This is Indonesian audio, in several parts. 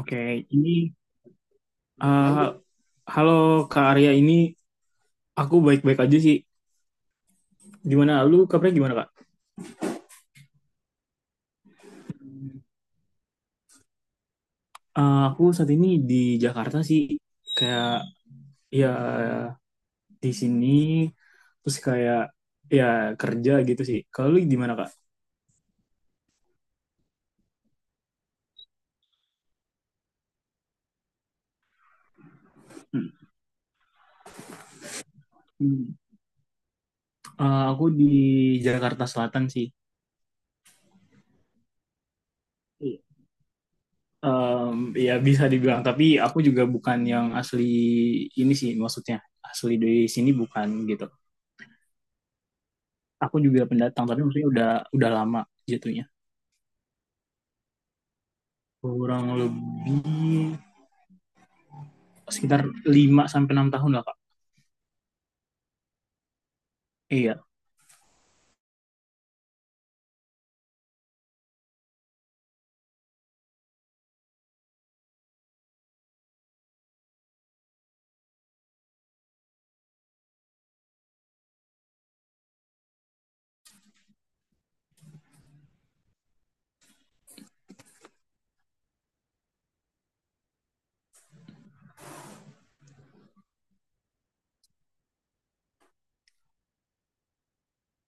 Oke, ini eh halo Kak Arya ini aku baik-baik aja sih. Gimana lu kabarnya gimana Kak? Aku saat ini di Jakarta sih kayak ya di sini terus kayak ya kerja gitu sih. Kalau lu gimana Kak? Hmm. Aku di Jakarta Selatan sih. Em, ya bisa dibilang tapi aku juga bukan yang asli ini sih maksudnya asli dari sini bukan gitu. Aku juga pendatang tapi maksudnya udah lama jatuhnya. Kurang lebih sekitar 5 sampai 6 tahun lah, Kak. Iya.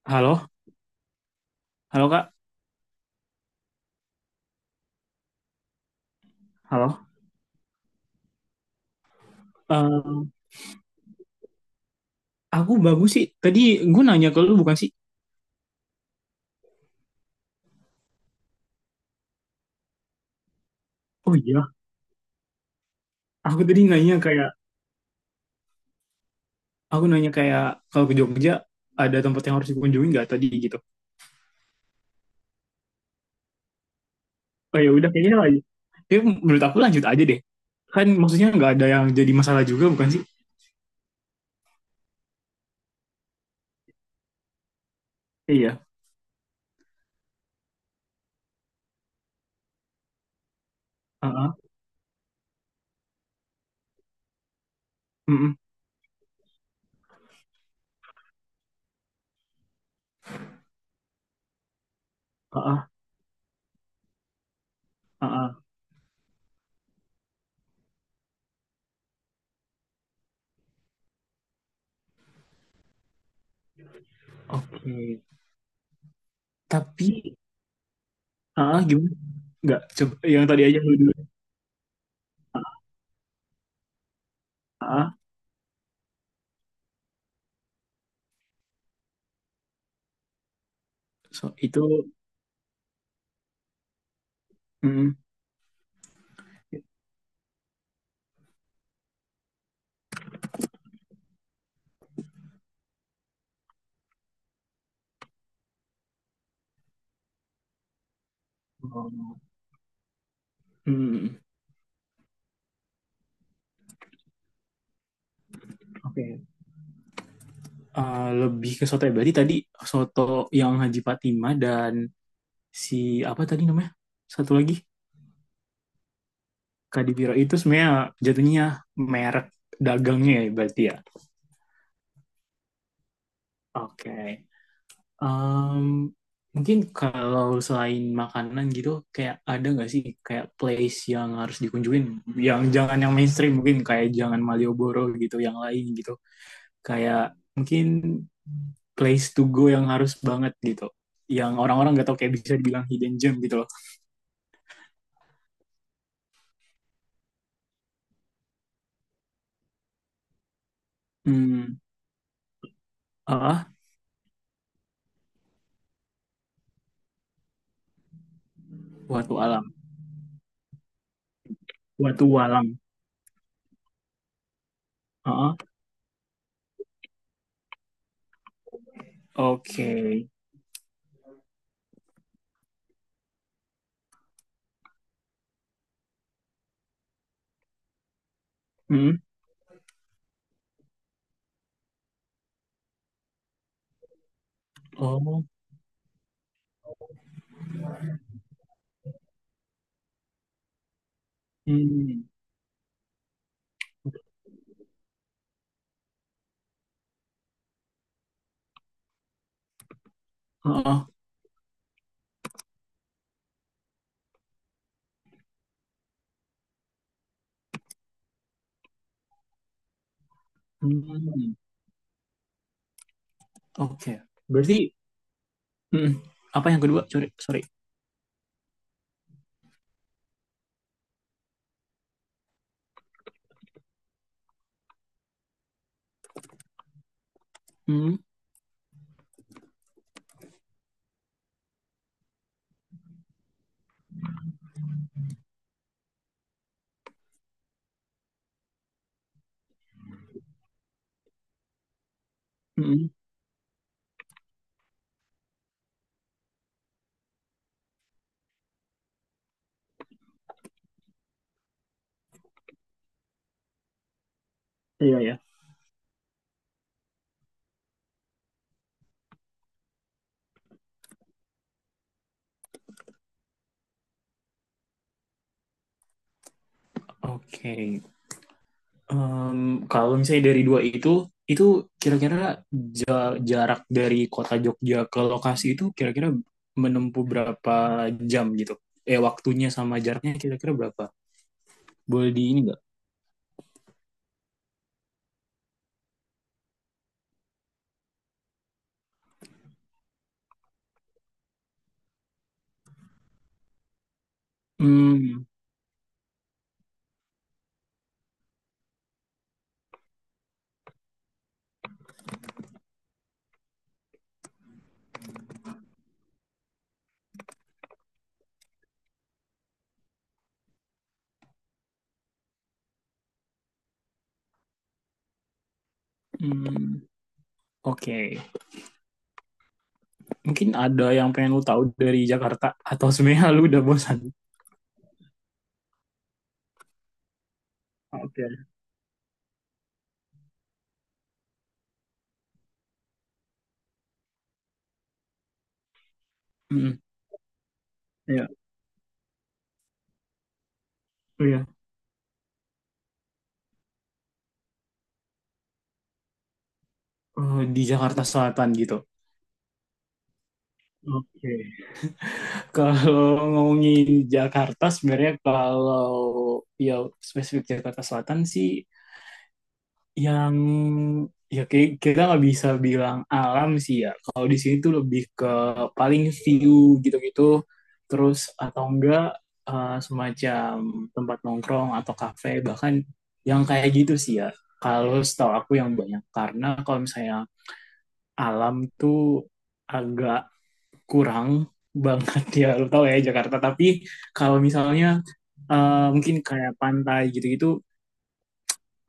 Halo? Halo, Kak? Halo? Eh, aku bagus sih. Tadi gue nanya ke lu bukan sih? Oh, iya. Aku tadi nanya kayak aku nanya kayak kalau ke Jogja ada tempat yang harus dikunjungi nggak tadi gitu. Oh, ya udah kayaknya lagi. Ya, menurut aku lanjut aja deh. Kan maksudnya nggak ada yang jadi masalah juga bukan sih? Iya. Heeh. Mm-mm. Heeh. Heeh. Oke. Tapi, ah, gimana? Nggak, coba yang tadi aja lu dulu. So, itu, mm, oh, mm, oke. Ah, lebih ke soto ya. Berarti tadi soto yang Haji Fatima dan si apa tadi namanya? Satu lagi Kadipiro itu sebenarnya jatuhnya merek dagangnya ya berarti ya. Oke. Em, mungkin kalau selain makanan gitu kayak ada nggak sih kayak place yang harus dikunjungin yang jangan yang mainstream mungkin kayak jangan Malioboro gitu yang lain gitu kayak mungkin place to go yang harus banget gitu yang orang-orang nggak tahu kayak bisa dibilang hidden gem gitu loh. Hmm. Ah, watu alam, watu alam. Ah, oke. Okay. Hmm. Oh. Hmm. Ah. Hmm. Oke. Okay. Berarti, hmm apa yang kedua? Sorry, sorry. Hmm. Hmm. Iya, ya, oke. Okay. Em, kalau misalnya dari dua itu kira-kira jarak dari kota Jogja ke lokasi itu kira-kira menempuh berapa jam gitu? Waktunya sama jaraknya kira-kira berapa? Boleh di ini nggak? Hmm, hmm, oke. Mungkin ada yang pengen lu tahu dari Jakarta atau sebenarnya lu udah bosan? Oke. Hmm, iya, iya. Di Jakarta Selatan gitu. Oke. Kalau ngomongin Jakarta sebenarnya kalau ya spesifik Jakarta Selatan sih yang ya kayak kita nggak bisa bilang alam sih ya. Kalau di sini tuh lebih ke paling view gitu-gitu terus atau enggak semacam tempat nongkrong atau kafe bahkan yang kayak gitu sih ya. Kalau setahu aku yang banyak karena kalau misalnya alam tuh agak kurang banget ya lo tau ya Jakarta, tapi kalau misalnya mungkin kayak pantai gitu-gitu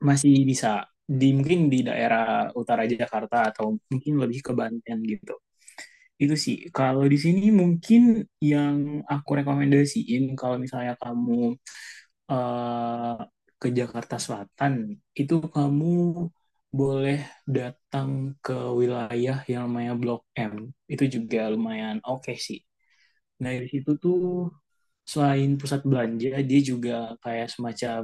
masih bisa di mungkin di daerah utara Jakarta atau mungkin lebih ke Banten gitu, itu sih kalau di sini mungkin yang aku rekomendasiin kalau misalnya kamu eh, ke Jakarta Selatan itu kamu boleh datang ke wilayah yang namanya Blok M, itu juga lumayan oke sih. Nah, di situ tuh selain pusat belanja, dia juga kayak semacam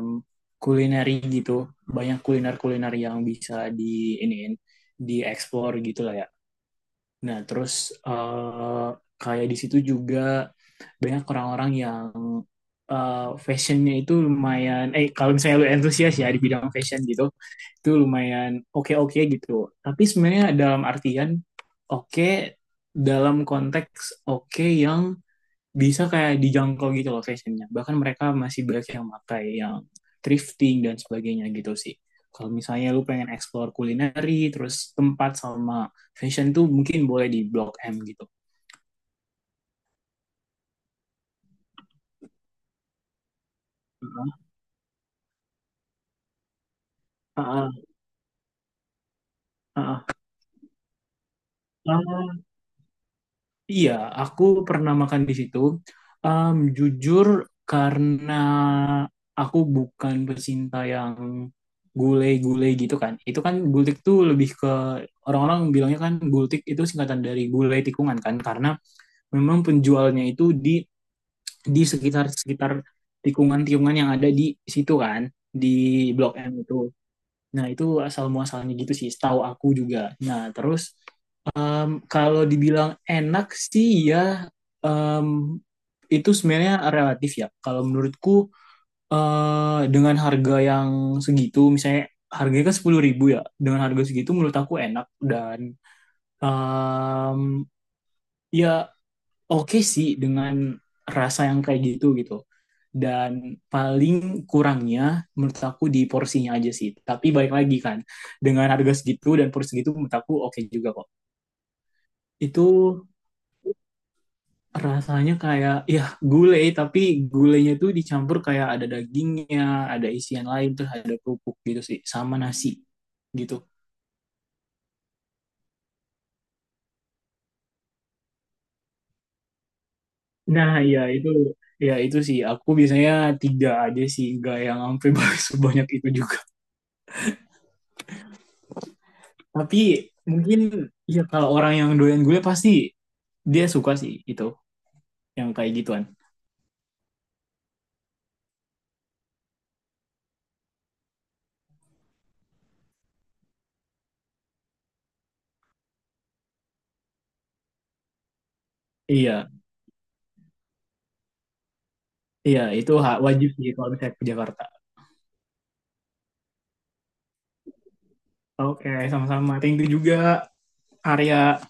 kulineri gitu. Banyak kuliner-kuliner yang bisa di ini dieksplor gitu lah ya. Nah, terus eh, kayak di situ juga banyak orang-orang yang fashionnya itu lumayan, kalau misalnya lu antusias ya di bidang fashion gitu, itu lumayan oke-oke gitu. Tapi sebenarnya dalam artian oke, dalam konteks oke yang bisa kayak dijangkau gitu loh fashionnya. Bahkan mereka masih banyak yang pakai yang thrifting dan sebagainya gitu sih. Kalau misalnya lu pengen explore kulineri, terus tempat sama fashion tuh mungkin boleh di Blok M gitu. Heeh, heeh, heeh. Iya, aku pernah makan di situ. Jujur, karena aku bukan pecinta yang gulai-gulai gitu kan. Itu kan gultik tuh lebih ke orang-orang bilangnya kan gultik itu singkatan dari gulai tikungan kan, karena memang penjualnya itu di sekitar-sekitar tikungan-tikungan yang ada di situ kan, di Blok M itu. Nah, itu asal muasalnya gitu sih, setahu aku juga. Nah, terus kalau dibilang enak sih ya em, itu sebenarnya relatif ya. Kalau menurutku dengan harga yang segitu, misalnya harganya kan 10 ribu ya, dengan harga segitu menurut aku enak dan em, ya oke sih dengan rasa yang kayak gitu gitu. Dan paling kurangnya menurut aku di porsinya aja sih. Tapi balik lagi kan, dengan harga segitu dan porsi segitu menurut aku oke juga kok. Itu rasanya kayak ya gulai tapi gulainya tuh dicampur kayak ada dagingnya, ada isian lain terus ada kerupuk gitu sih sama nasi gitu. Nah, iya itu ya itu sih aku biasanya tiga aja sih, gak yang sampai sebanyak itu juga. Tapi mungkin ya kalau orang yang doyan gulai pasti dia suka sih itu yang kayak gituan. Iya, iya itu hak wajib sih kalau misalnya ke Jakarta. Oke, sama-sama. Thank you juga Arya.